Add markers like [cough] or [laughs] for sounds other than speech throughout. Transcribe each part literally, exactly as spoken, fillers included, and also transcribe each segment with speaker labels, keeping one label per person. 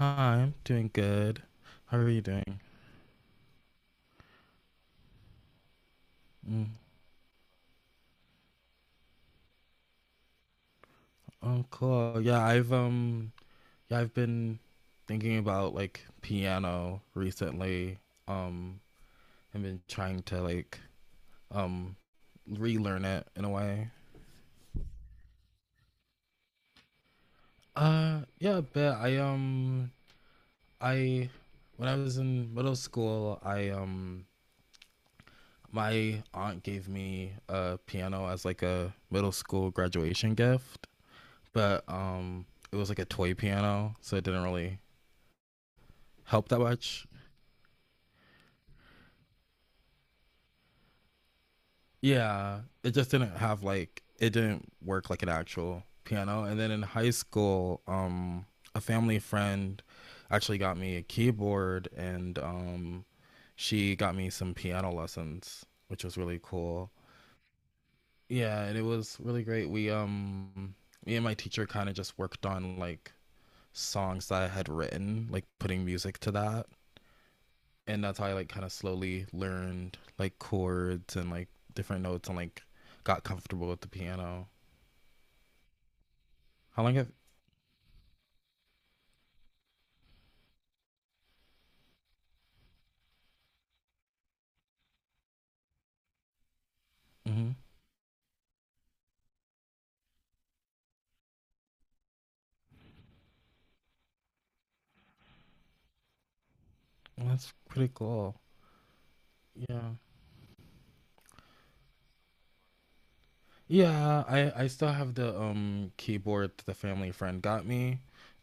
Speaker 1: Hi, I'm doing good. How are you doing? Mm, oh, cool. Yeah, I've um, yeah, I've been thinking about like piano recently. Um, I've been trying to like um, relearn it in a way. Uh, yeah, a bit. I um, I when I was in middle school, I um, my aunt gave me a piano as like a middle school graduation gift. But um, it was like a toy piano, so it didn't really help that much. Yeah, it just didn't have like it didn't work like an actual piano. And then in high school, um, a family friend actually got me a keyboard, and um, she got me some piano lessons, which was really cool. Yeah, and it was really great. We um, Me and my teacher kind of just worked on like songs that I had written, like putting music to that, and that's how I like kind of slowly learned like chords and like different notes and like got comfortable with the piano. How long have? Hmm. That's pretty cool. Yeah, yeah. I I still have the um keyboard that the family friend got me,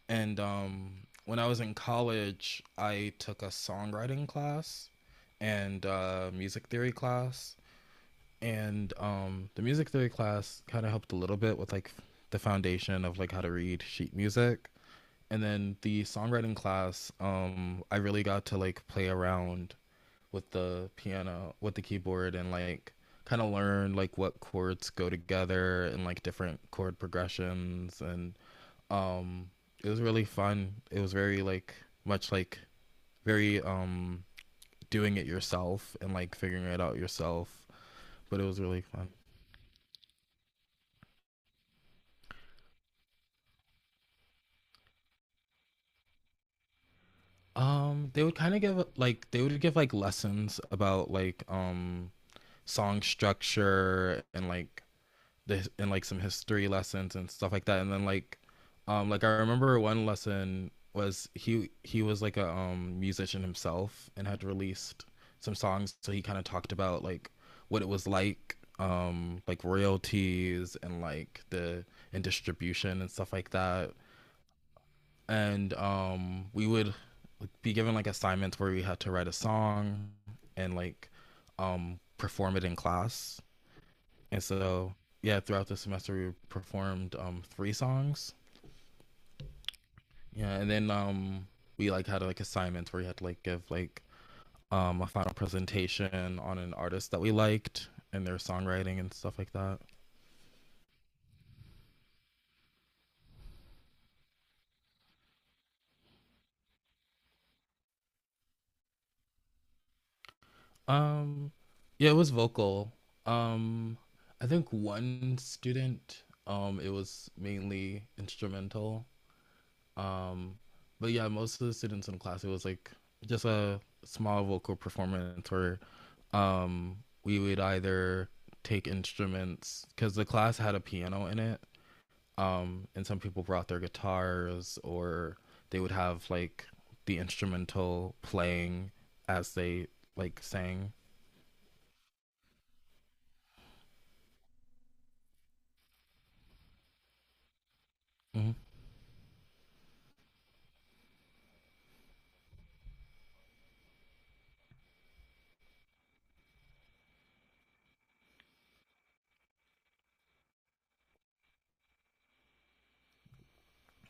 Speaker 1: and um when I was in college, I took a songwriting class and uh, music theory class, and um the music theory class kind of helped a little bit with like the foundation of like how to read sheet music, and then the songwriting class um I really got to like play around with the piano with the keyboard and like kind of learn like what chords go together and like different chord progressions. And um it was really fun, it was very like much like very um doing it yourself and like figuring it out yourself, but it was really fun. Um, they would kind of give like they would give like lessons about like um song structure and like the in like some history lessons and stuff like that. And then like um like I remember one lesson was he he was like a um musician himself and had released some songs, so he kind of talked about like what it was like um like royalties and like the and distribution and stuff like that. And um we would, like, be given like assignments where we had to write a song and like um perform it in class. And so, yeah, throughout the semester we performed um three songs. Yeah, and then um we like had like assignments where you had to like give like um a final presentation on an artist that we liked and their songwriting and stuff like that. Um, yeah, it was vocal. Um, I think one student um it was mainly instrumental. Um, but yeah, most of the students in class, it was like just a small vocal performance where, um, we would either take instruments because the class had a piano in it, um, and some people brought their guitars, or they would have like the instrumental playing as they like sang. Mhm.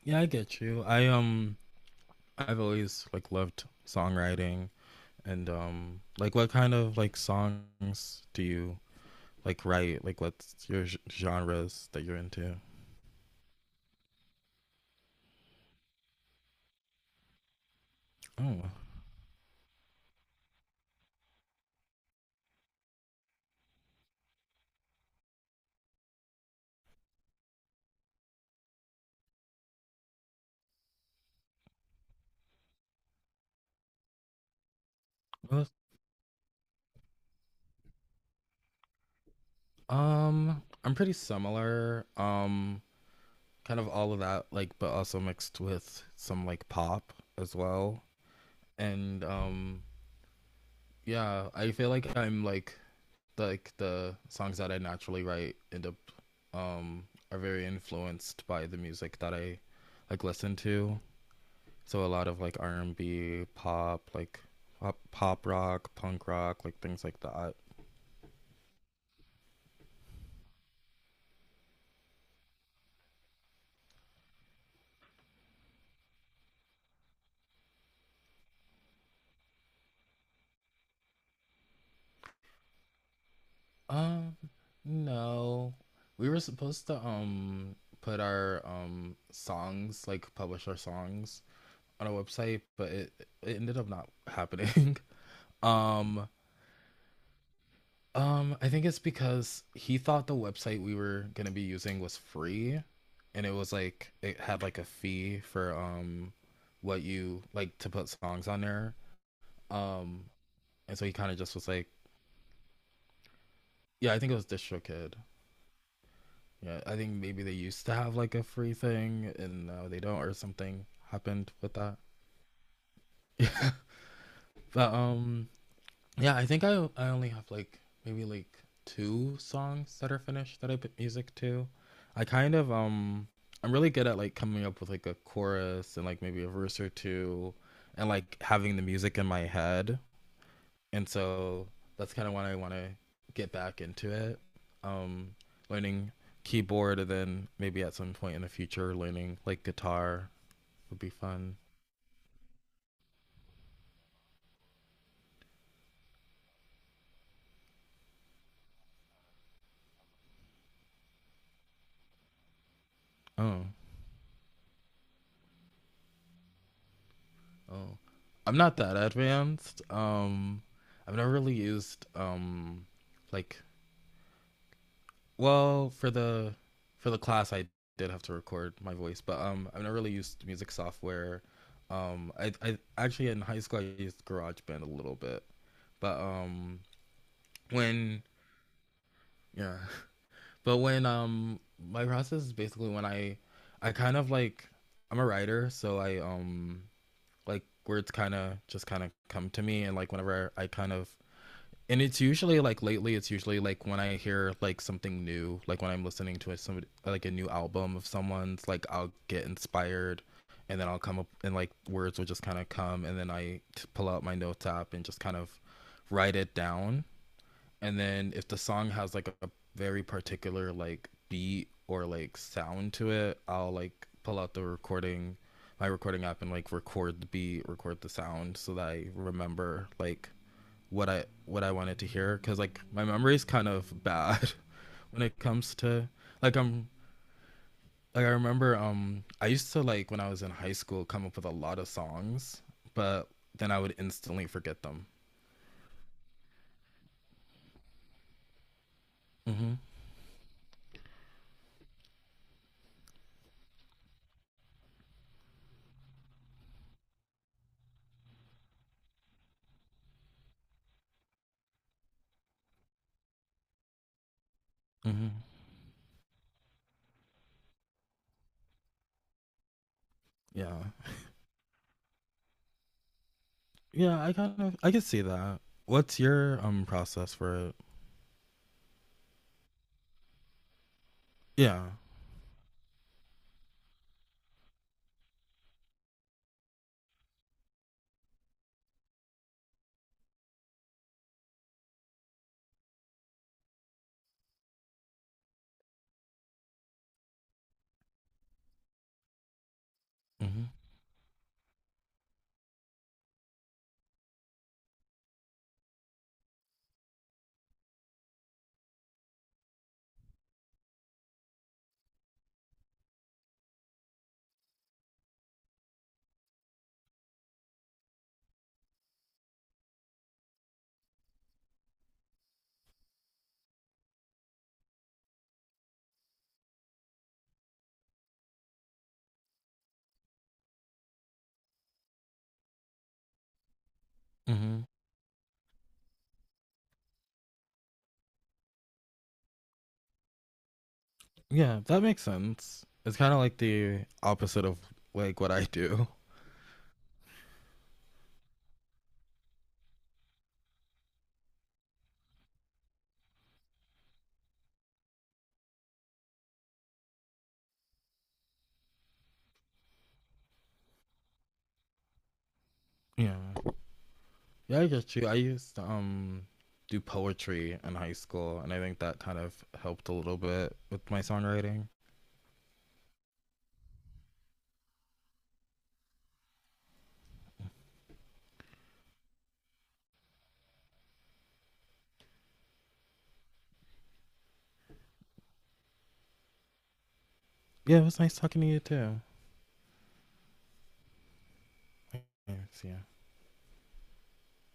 Speaker 1: Yeah, I get you. I um, I've always like loved songwriting, and um, like what kind of like songs do you like write, like what's your genres that you're into? Oh, well, um I'm pretty similar, um kind of all of that like but also mixed with some like pop as well. And um yeah I feel like I'm like the, like the songs that I naturally write end up um are very influenced by the music that I like listen to, so a lot of like R&B pop like pop, pop rock, punk rock, like things like that. Um, no. We were supposed to um put our um songs, like publish our songs on a website, but it it ended up not happening. [laughs] Um, um I think it's because he thought the website we were going to be using was free, and it was like it had like a fee for um what you like to put songs on there. Um, and so he kind of just was like, yeah, I think it was DistroKid. Yeah, I think maybe they used to have like a free thing and now they don't or something happened with that. [laughs] But um yeah, I think I I only have like maybe like two songs that are finished that I put music to. I kind of um I'm really good at like coming up with like a chorus and like maybe a verse or two and like having the music in my head, and so that's kind of when I want to get back into it. Um, learning keyboard, and then maybe at some point in the future, learning like guitar would be fun. Oh, oh, I'm not that advanced. Um, I've never really used um, like well, for the for the class I did have to record my voice, but um, I've never really used music software. Um, I I actually in high school I used GarageBand a little bit, but um, when Yeah. [laughs] But when um my process is basically when I I kind of like I'm a writer, so I um like words kind of just kind of come to me and like whenever I kind of and it's usually like lately it's usually like when I hear like something new, like when I'm listening to a, somebody like a new album of someone's like I'll get inspired, and then I'll come up and like words will just kind of come and then I t- pull out my notes app and just kind of write it down. And then if the song has like a very particular like beat or like sound to it, I'll like pull out the recording, my recording app, and like record the beat, record the sound, so that I remember like what I what I wanted to hear. Cause like my memory is kind of bad [laughs] when it comes to like I'm like I remember um I used to like when I was in high school come up with a lot of songs, but then I would instantly forget them. Mm-hmm. Mm-hmm. Yeah, yeah, I kind of I can see that. What's your um process for it? Yeah. Hmm. Hmm. Yeah, that makes sense. It's kind of like the opposite of like what I do. Yeah. Yeah, I get you. I used to um do poetry in high school, and I think that kind of helped a little bit with my songwriting. Yeah, it was nice talking to you too. Thanks, yeah.